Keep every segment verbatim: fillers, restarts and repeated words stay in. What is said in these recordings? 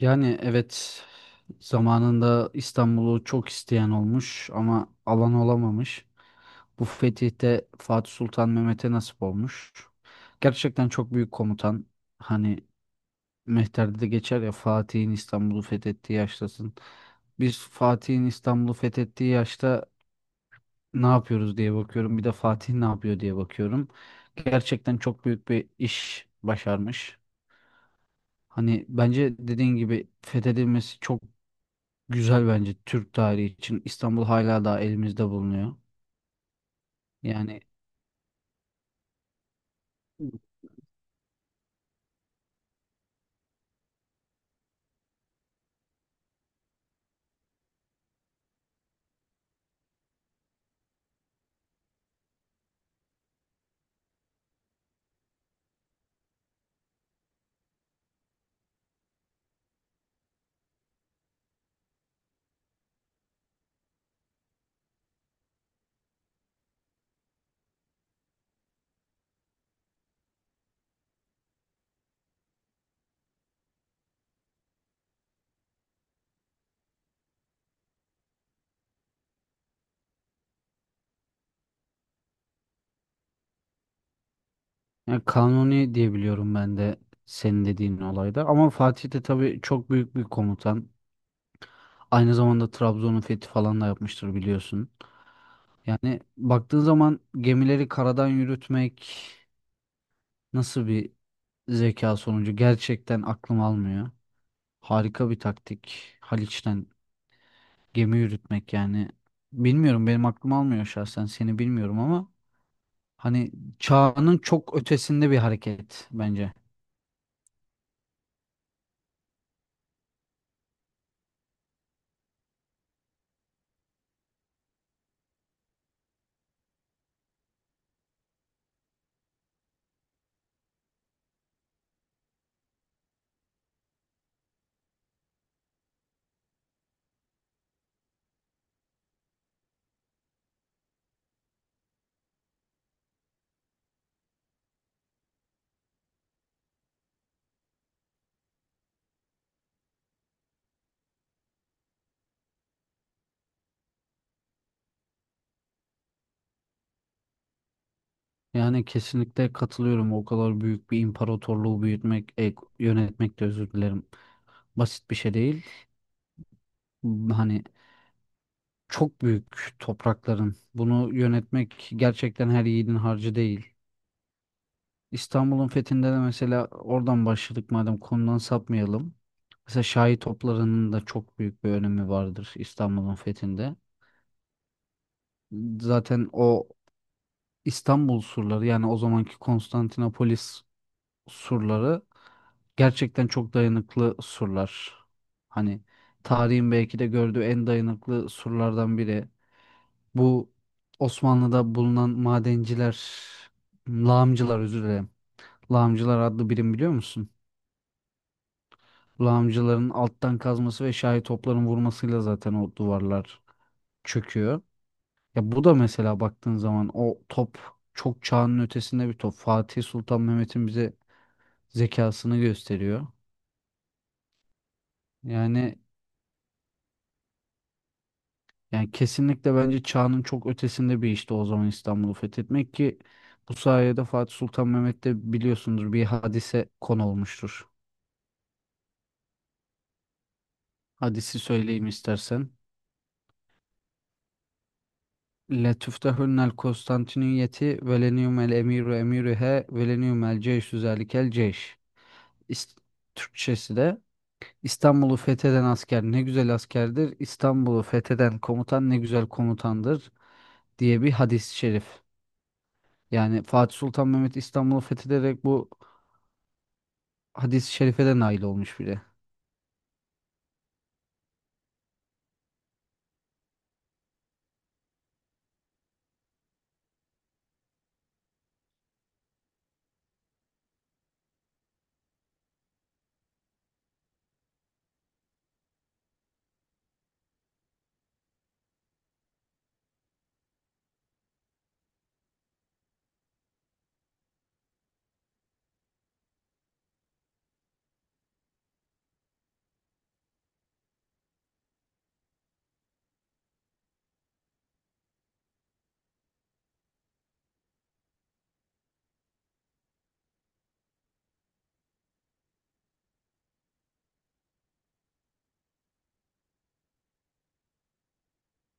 Yani evet zamanında İstanbul'u çok isteyen olmuş ama alan olamamış. Bu fetihte Fatih Sultan Mehmet'e nasip olmuş. Gerçekten çok büyük komutan. Hani Mehter'de de geçer ya Fatih'in İstanbul'u fethettiği yaştasın. Biz Fatih'in İstanbul'u fethettiği yaşta ne yapıyoruz diye bakıyorum. Bir de Fatih ne yapıyor diye bakıyorum. Gerçekten çok büyük bir iş başarmış. Hani bence dediğin gibi fethedilmesi çok güzel bence Türk tarihi için. İstanbul hala daha elimizde bulunuyor. Yani, yani Kanuni diye biliyorum ben de senin dediğin olayda. Ama Fatih de tabii çok büyük bir komutan. Aynı zamanda Trabzon'un fethi falan da yapmıştır biliyorsun. Yani baktığın zaman gemileri karadan yürütmek nasıl bir zeka sonucu gerçekten aklım almıyor. Harika bir taktik. Haliç'ten gemi yürütmek yani. Bilmiyorum benim aklım almıyor şahsen seni bilmiyorum ama hani çağının çok ötesinde bir hareket bence. Yani kesinlikle katılıyorum. O kadar büyük bir imparatorluğu büyütmek, e, yönetmek de özür dilerim. Basit bir şey değil. Hani çok büyük toprakların. Bunu yönetmek gerçekten her yiğidin harcı değil. İstanbul'un fethinde de mesela oradan başladık madem konudan sapmayalım. Mesela Şahi toplarının da çok büyük bir önemi vardır İstanbul'un fethinde. Zaten o İstanbul surları yani o zamanki Konstantinopolis surları gerçekten çok dayanıklı surlar. Hani tarihin belki de gördüğü en dayanıklı surlardan biri. Bu Osmanlı'da bulunan madenciler, lağımcılar özür dilerim. Lağımcılar adlı birim biliyor musun? Lağımcıların alttan kazması ve şahi topların vurmasıyla zaten o duvarlar çöküyor. Ya bu da mesela baktığın zaman o top çok çağının ötesinde bir top. Fatih Sultan Mehmet'in bize zekasını gösteriyor. Yani Yani kesinlikle bence çağının çok ötesinde bir işti o zaman İstanbul'u fethetmek ki bu sayede Fatih Sultan Mehmet de biliyorsundur bir hadise konu olmuştur. Hadisi söyleyeyim istersen. Letüftehunnel Konstantiniyeti velenium el emiru emiruhe velenium el ceyşü zelikel ceyş. İs- Türkçesi de İstanbul'u fetheden asker ne güzel askerdir, İstanbul'u fetheden komutan ne güzel komutandır diye bir hadis-i şerif. Yani Fatih Sultan Mehmet İstanbul'u fethederek bu hadis-i şerife de nail olmuş bile.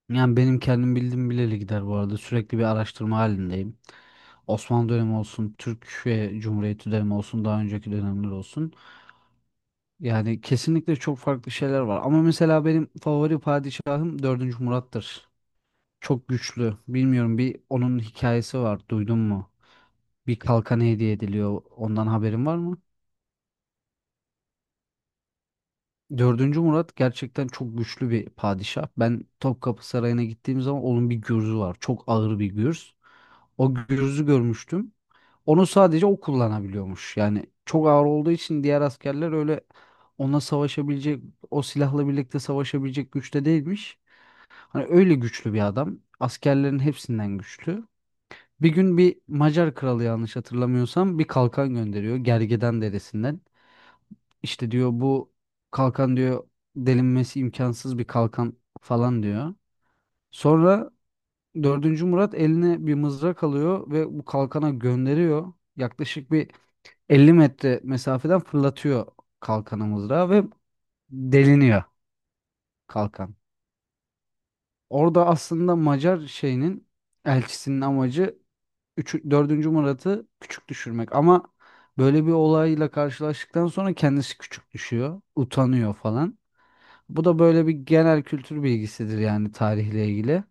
Yani benim kendim bildiğim bileli gider bu arada. Sürekli bir araştırma halindeyim. Osmanlı dönemi olsun, Türkiye Cumhuriyeti dönemi olsun, daha önceki dönemler olsun. Yani kesinlikle çok farklı şeyler var. Ama mesela benim favori padişahım dördüncü Murat'tır. Çok güçlü. Bilmiyorum bir onun hikayesi var. Duydun mu? Bir kalkan hediye ediliyor. Ondan haberin var mı? Dördüncü Murat gerçekten çok güçlü bir padişah. Ben Topkapı Sarayı'na gittiğim zaman onun bir gürzü var. Çok ağır bir gürz. O gürzü görmüştüm. Onu sadece o kullanabiliyormuş. Yani çok ağır olduğu için diğer askerler öyle ona savaşabilecek, o silahla birlikte savaşabilecek güçte değilmiş. Hani öyle güçlü bir adam. Askerlerin hepsinden güçlü. Bir gün bir Macar kralı yanlış hatırlamıyorsam bir kalkan gönderiyor Gergedan deresinden. İşte diyor bu kalkan diyor delinmesi imkansız bir kalkan falan diyor. Sonra Dördüncü Murat eline bir mızrak alıyor ve bu kalkana gönderiyor. Yaklaşık bir elli metre mesafeden fırlatıyor kalkanı mızrağı ve deliniyor kalkan. Orada aslında Macar şeyinin elçisinin amacı üç, dördüncü. Murat'ı küçük düşürmek. Ama böyle bir olayla karşılaştıktan sonra kendisi küçük düşüyor, utanıyor falan. Bu da böyle bir genel kültür bilgisidir yani tarihle ilgili.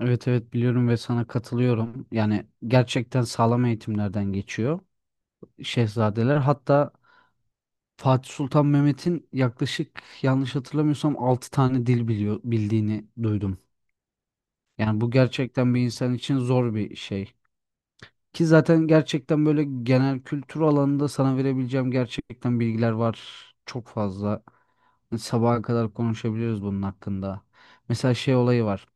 Evet evet biliyorum ve sana katılıyorum. Yani gerçekten sağlam eğitimlerden geçiyor şehzadeler. Hatta Fatih Sultan Mehmet'in yaklaşık yanlış hatırlamıyorsam altı tane dil biliyor bildiğini duydum. Yani bu gerçekten bir insan için zor bir şey. Ki zaten gerçekten böyle genel kültür alanında sana verebileceğim gerçekten bilgiler var çok fazla. Sabaha kadar konuşabiliriz bunun hakkında. Mesela şey olayı var.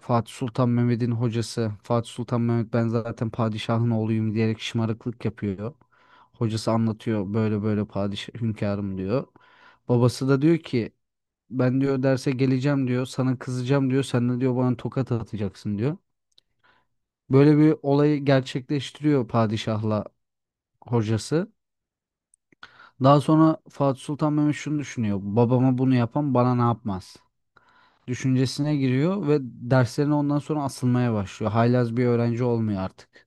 Fatih Sultan Mehmet'in hocası Fatih Sultan Mehmet ben zaten padişahın oğluyum diyerek şımarıklık yapıyor. Hocası anlatıyor böyle böyle padişah hünkârım diyor. Babası da diyor ki ben diyor derse geleceğim diyor sana kızacağım diyor sen de diyor bana tokat atacaksın diyor. Böyle bir olayı gerçekleştiriyor padişahla hocası. Daha sonra Fatih Sultan Mehmet şunu düşünüyor. Babama bunu yapan bana ne yapmaz düşüncesine giriyor ve derslerine ondan sonra asılmaya başlıyor. Haylaz bir öğrenci olmuyor artık.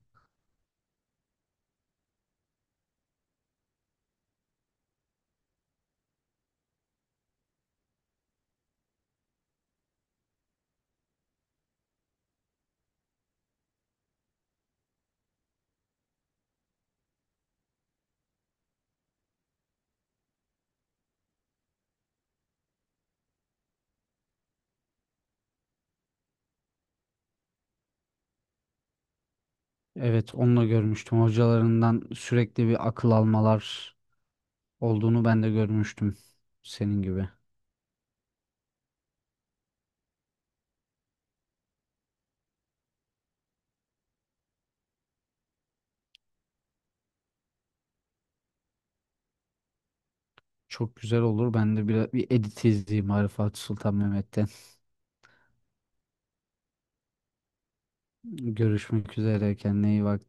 Evet, onu da görmüştüm. Hocalarından sürekli bir akıl almalar olduğunu ben de görmüştüm senin gibi. Çok güzel olur. Ben de bir, bir edit izleyeyim Arifat Sultan Mehmet'ten. Görüşmek üzere. Kendine iyi bak.